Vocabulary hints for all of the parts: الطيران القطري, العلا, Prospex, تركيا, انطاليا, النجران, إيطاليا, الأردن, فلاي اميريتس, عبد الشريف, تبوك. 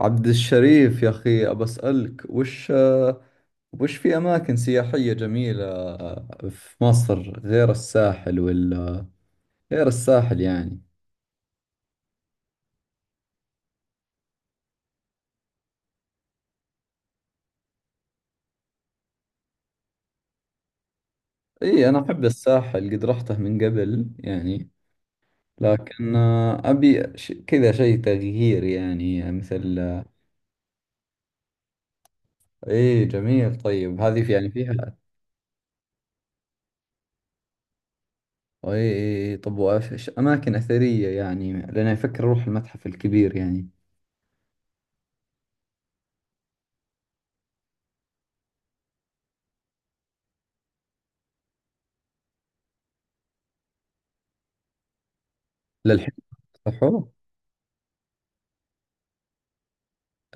عبد الشريف يا أخي، أبى أسألك، وش في أماكن سياحية جميلة في مصر غير الساحل؟ ولا غير الساحل يعني. إي، أنا أحب الساحل، قد رحته من قبل يعني، لكن أبي كذا شيء تغيير يعني مثل. إي جميل، طيب هذه في يعني فيها. إي إي إي، طب وإيش أماكن أثرية يعني، لأن أفكر أروح المتحف الكبير يعني. للحين فتحوه؟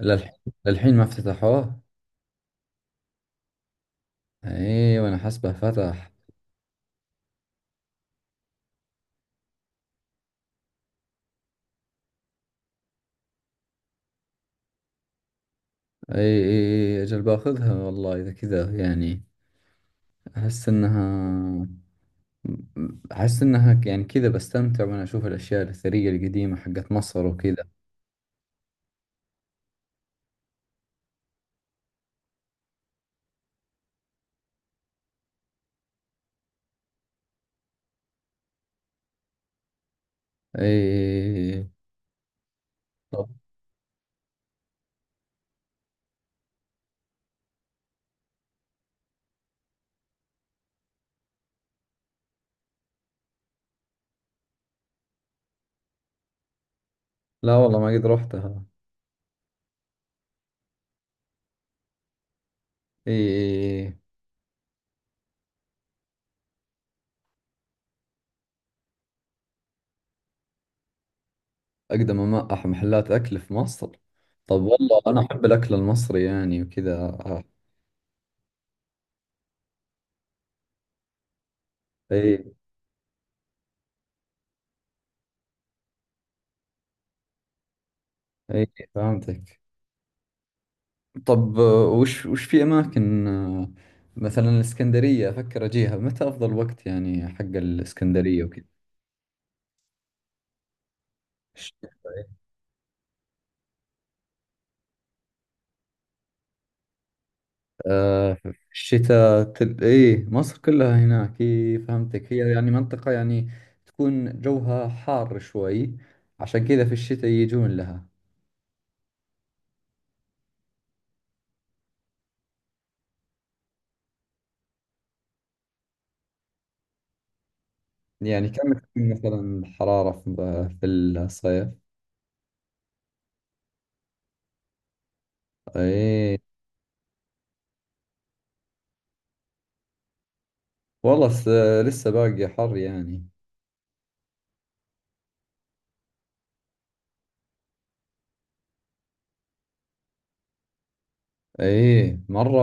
للحين للحين ما افتتحوه. ايه، وانا حسبه فتح. ايه ايه ايه، اجل باخذها والله اذا كذا يعني. احس انها احس انها يعني كذا بستمتع، وانا اشوف الاشياء الاثريه القديمه حقت مصر وكذا. ايه ايه ايه، إيه، إيه. طب. لا والله، ما قد رحتها. ايه ايه ايه، إيه. اقدم محلات اكل في مصر. طب والله، انا احب الاكل المصري يعني وكذا. ايه ايه، إيه، فهمتك. طب، وش في اماكن. مثلا الاسكندريه، افكر اجيها متى؟ افضل وقت يعني حق الاسكندريه وكذا. ش- في الشتاء ايه، مصر كلها هناك. ايه فهمتك، هي يعني منطقه يعني تكون جوها حار شوي، عشان كذا في الشتاء يجون لها. يعني كم تكون مثلا الحراره في الصيف؟ ايه والله لسه باقي حر يعني. ايه، مرة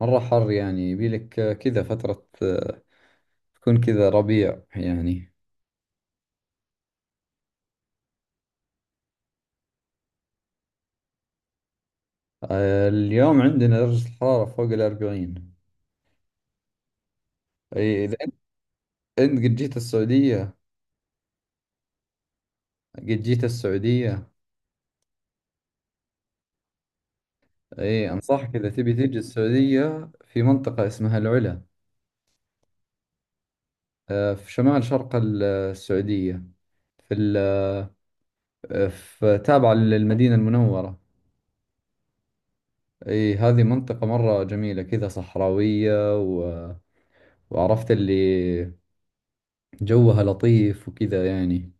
مرة حر يعني، يبيلك كذا فترة تكون كذا ربيع يعني. اليوم عندنا درجة الحرارة فوق 40. ايه إذا أنت، أنت قد جيت السعودية؟ قد جيت السعودية؟ ايه، أنصحك إذا تبي تيجي السعودية في منطقة اسمها العلا. في شمال شرق السعودية، في ال في تابعة للمدينة المنورة. ايه، هذه منطقة مرة جميلة كذا صحراوية، وعرفت اللي جوها لطيف وكذا يعني.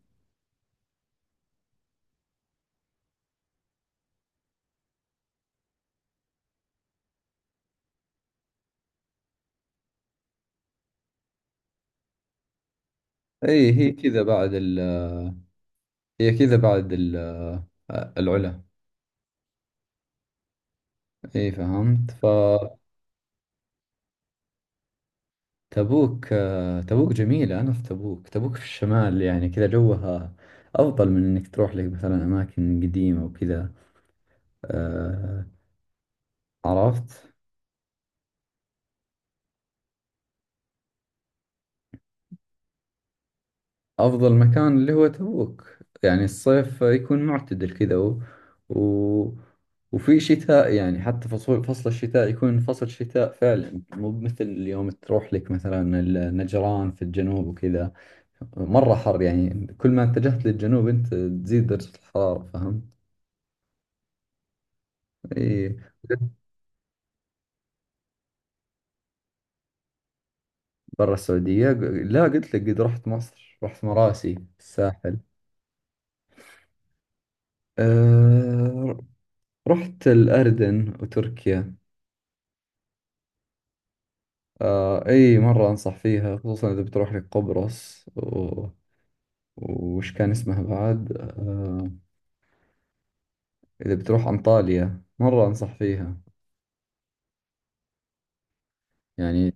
اي هي كذا بعد هي كذا بعد العلا. اي فهمت. فتبوك، تبوك جميلة، انا في تبوك في الشمال يعني، كذا جوها افضل من انك تروح لك مثلا اماكن قديمة وكذا. آه، عرفت. أفضل مكان اللي هو تبوك، يعني الصيف يكون معتدل كذا و... و... وفي شتاء يعني، حتى فصل الشتاء يكون فصل شتاء فعلا، مو مثل اليوم. تروح لك مثلا النجران في الجنوب وكذا، مرة حر يعني. كل ما اتجهت للجنوب أنت تزيد درجة الحرارة، فهمت؟ إي. برا السعودية، لا، قلت لك قد رحت مصر، رحت مراسي الساحل. أه... رحت الأردن وتركيا. آه اي، مرة انصح فيها، خصوصا اذا بتروح لقبرص و... وش كان اسمها بعد اذا بتروح انطاليا، مرة انصح فيها يعني.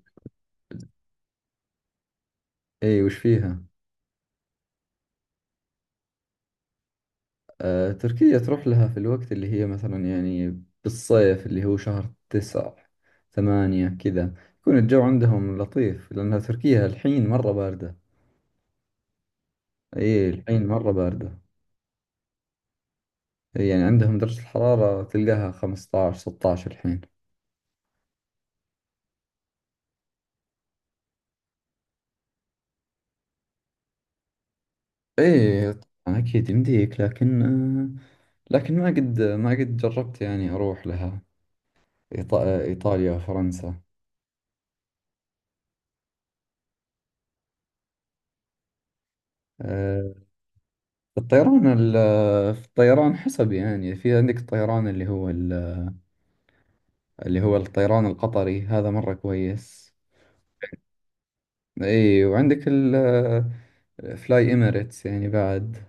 اي وش فيها. آه، تركيا تروح لها في الوقت اللي هي مثلا يعني بالصيف، اللي هو شهر 9 8 كذا، يكون الجو عندهم لطيف، لأنها تركيا الحين مرة باردة. اي، الحين مرة باردة. إي، يعني عندهم درجة الحرارة تلقاها 15 16 الحين. ايه طبعا، اكيد يمديك، لكن ما قد جربت يعني اروح لها. ايطاليا وفرنسا. آه، الطيران في الطيران حسب يعني، في عندك الطيران اللي هو الطيران القطري، هذا مرة كويس. اي وعندك الفلاي اميريتس يعني بعد.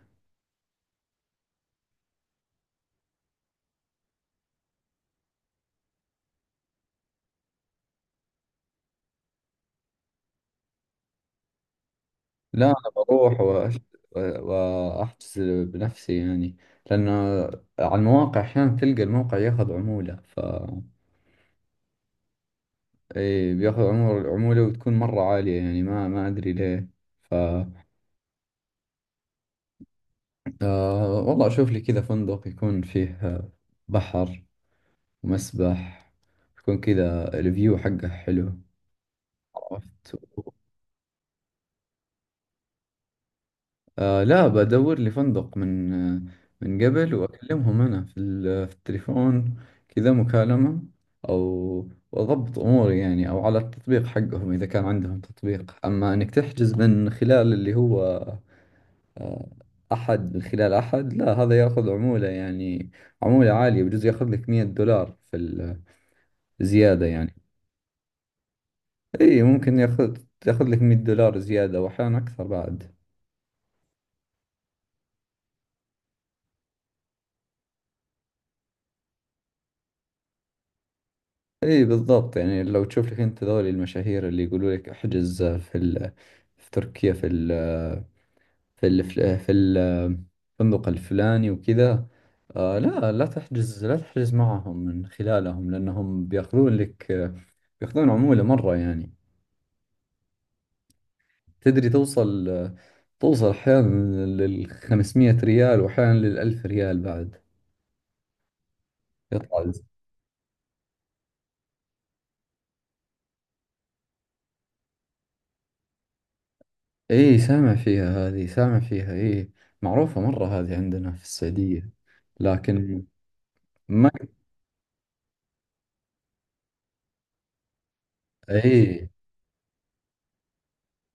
لا، انا بروح واحجز بنفسي يعني، لانه على المواقع احيانا تلقى الموقع ياخذ عمولة. ف اي، بياخذ عمر العمولة، وتكون مرة عالية يعني، ما ادري ليه. ف والله اشوف لي كذا فندق، يكون فيه بحر ومسبح، يكون كذا الفيو حقه حلو. عرفت. آه لا، بدور لي فندق من من قبل، واكلمهم انا في في التليفون كذا مكالمة، او واضبط اموري يعني، او على التطبيق حقهم اذا كان عندهم تطبيق، اما انك تحجز من خلال اللي هو أحد، من خلال أحد لا، هذا يأخذ عمولة يعني، عمولة عالية، بجوز يأخذ لك 100 دولار في الزيادة يعني. إي، ممكن يأخذ لك 100 دولار زيادة وأحيانا أكثر بعد. إي بالضبط يعني، لو تشوف لك أنت ذولي المشاهير اللي يقولوا لك احجز في ال... في تركيا في ال... في ال... في الفندق الفلاني وكذا، آه لا، لا تحجز، لا تحجز معهم من خلالهم، لأنهم بيأخذون لك، بيأخذون عمولة مرة يعني. تدري، توصل أحيانا لل 500 ريال، وأحيانا لل 1000 ريال بعد. يطلع الز- إيه، سامع فيها، هذه سامع فيها، إيه، معروفة مرة هذه عندنا في السعودية، لكن ما. إيه.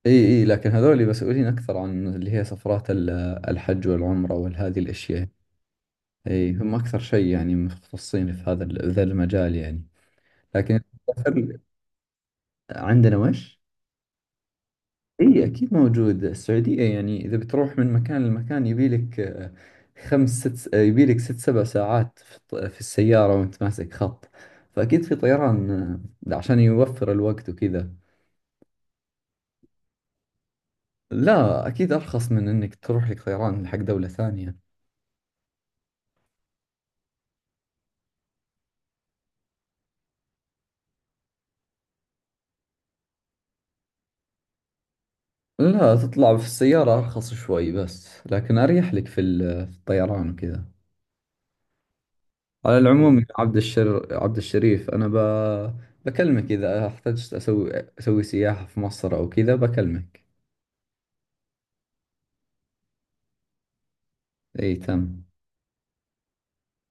إيه إيه، لكن هذول مسؤولين أكثر عن اللي هي سفرات الحج والعمرة وهذه الأشياء. إيه، هم أكثر شيء يعني مختصين في هذا ذا المجال يعني، لكن. عندنا وش؟ اي اكيد موجود السعودية يعني، اذا بتروح من مكان لمكان يبيلك خمس ست يبيلك ست سبع ساعات في في السيارة وانت ماسك خط، فاكيد في طيران عشان يوفر الوقت وكذا. لا اكيد ارخص من انك تروح لك طيران حق دولة ثانية. لا، تطلع في السيارة ارخص شوي بس، لكن اريح لك في في الطيران وكذا. على العموم يا عبد الشريف، انا بكلمك اذا احتجت اسوي سياحة في مصر او كذا، بكلمك. اي تم.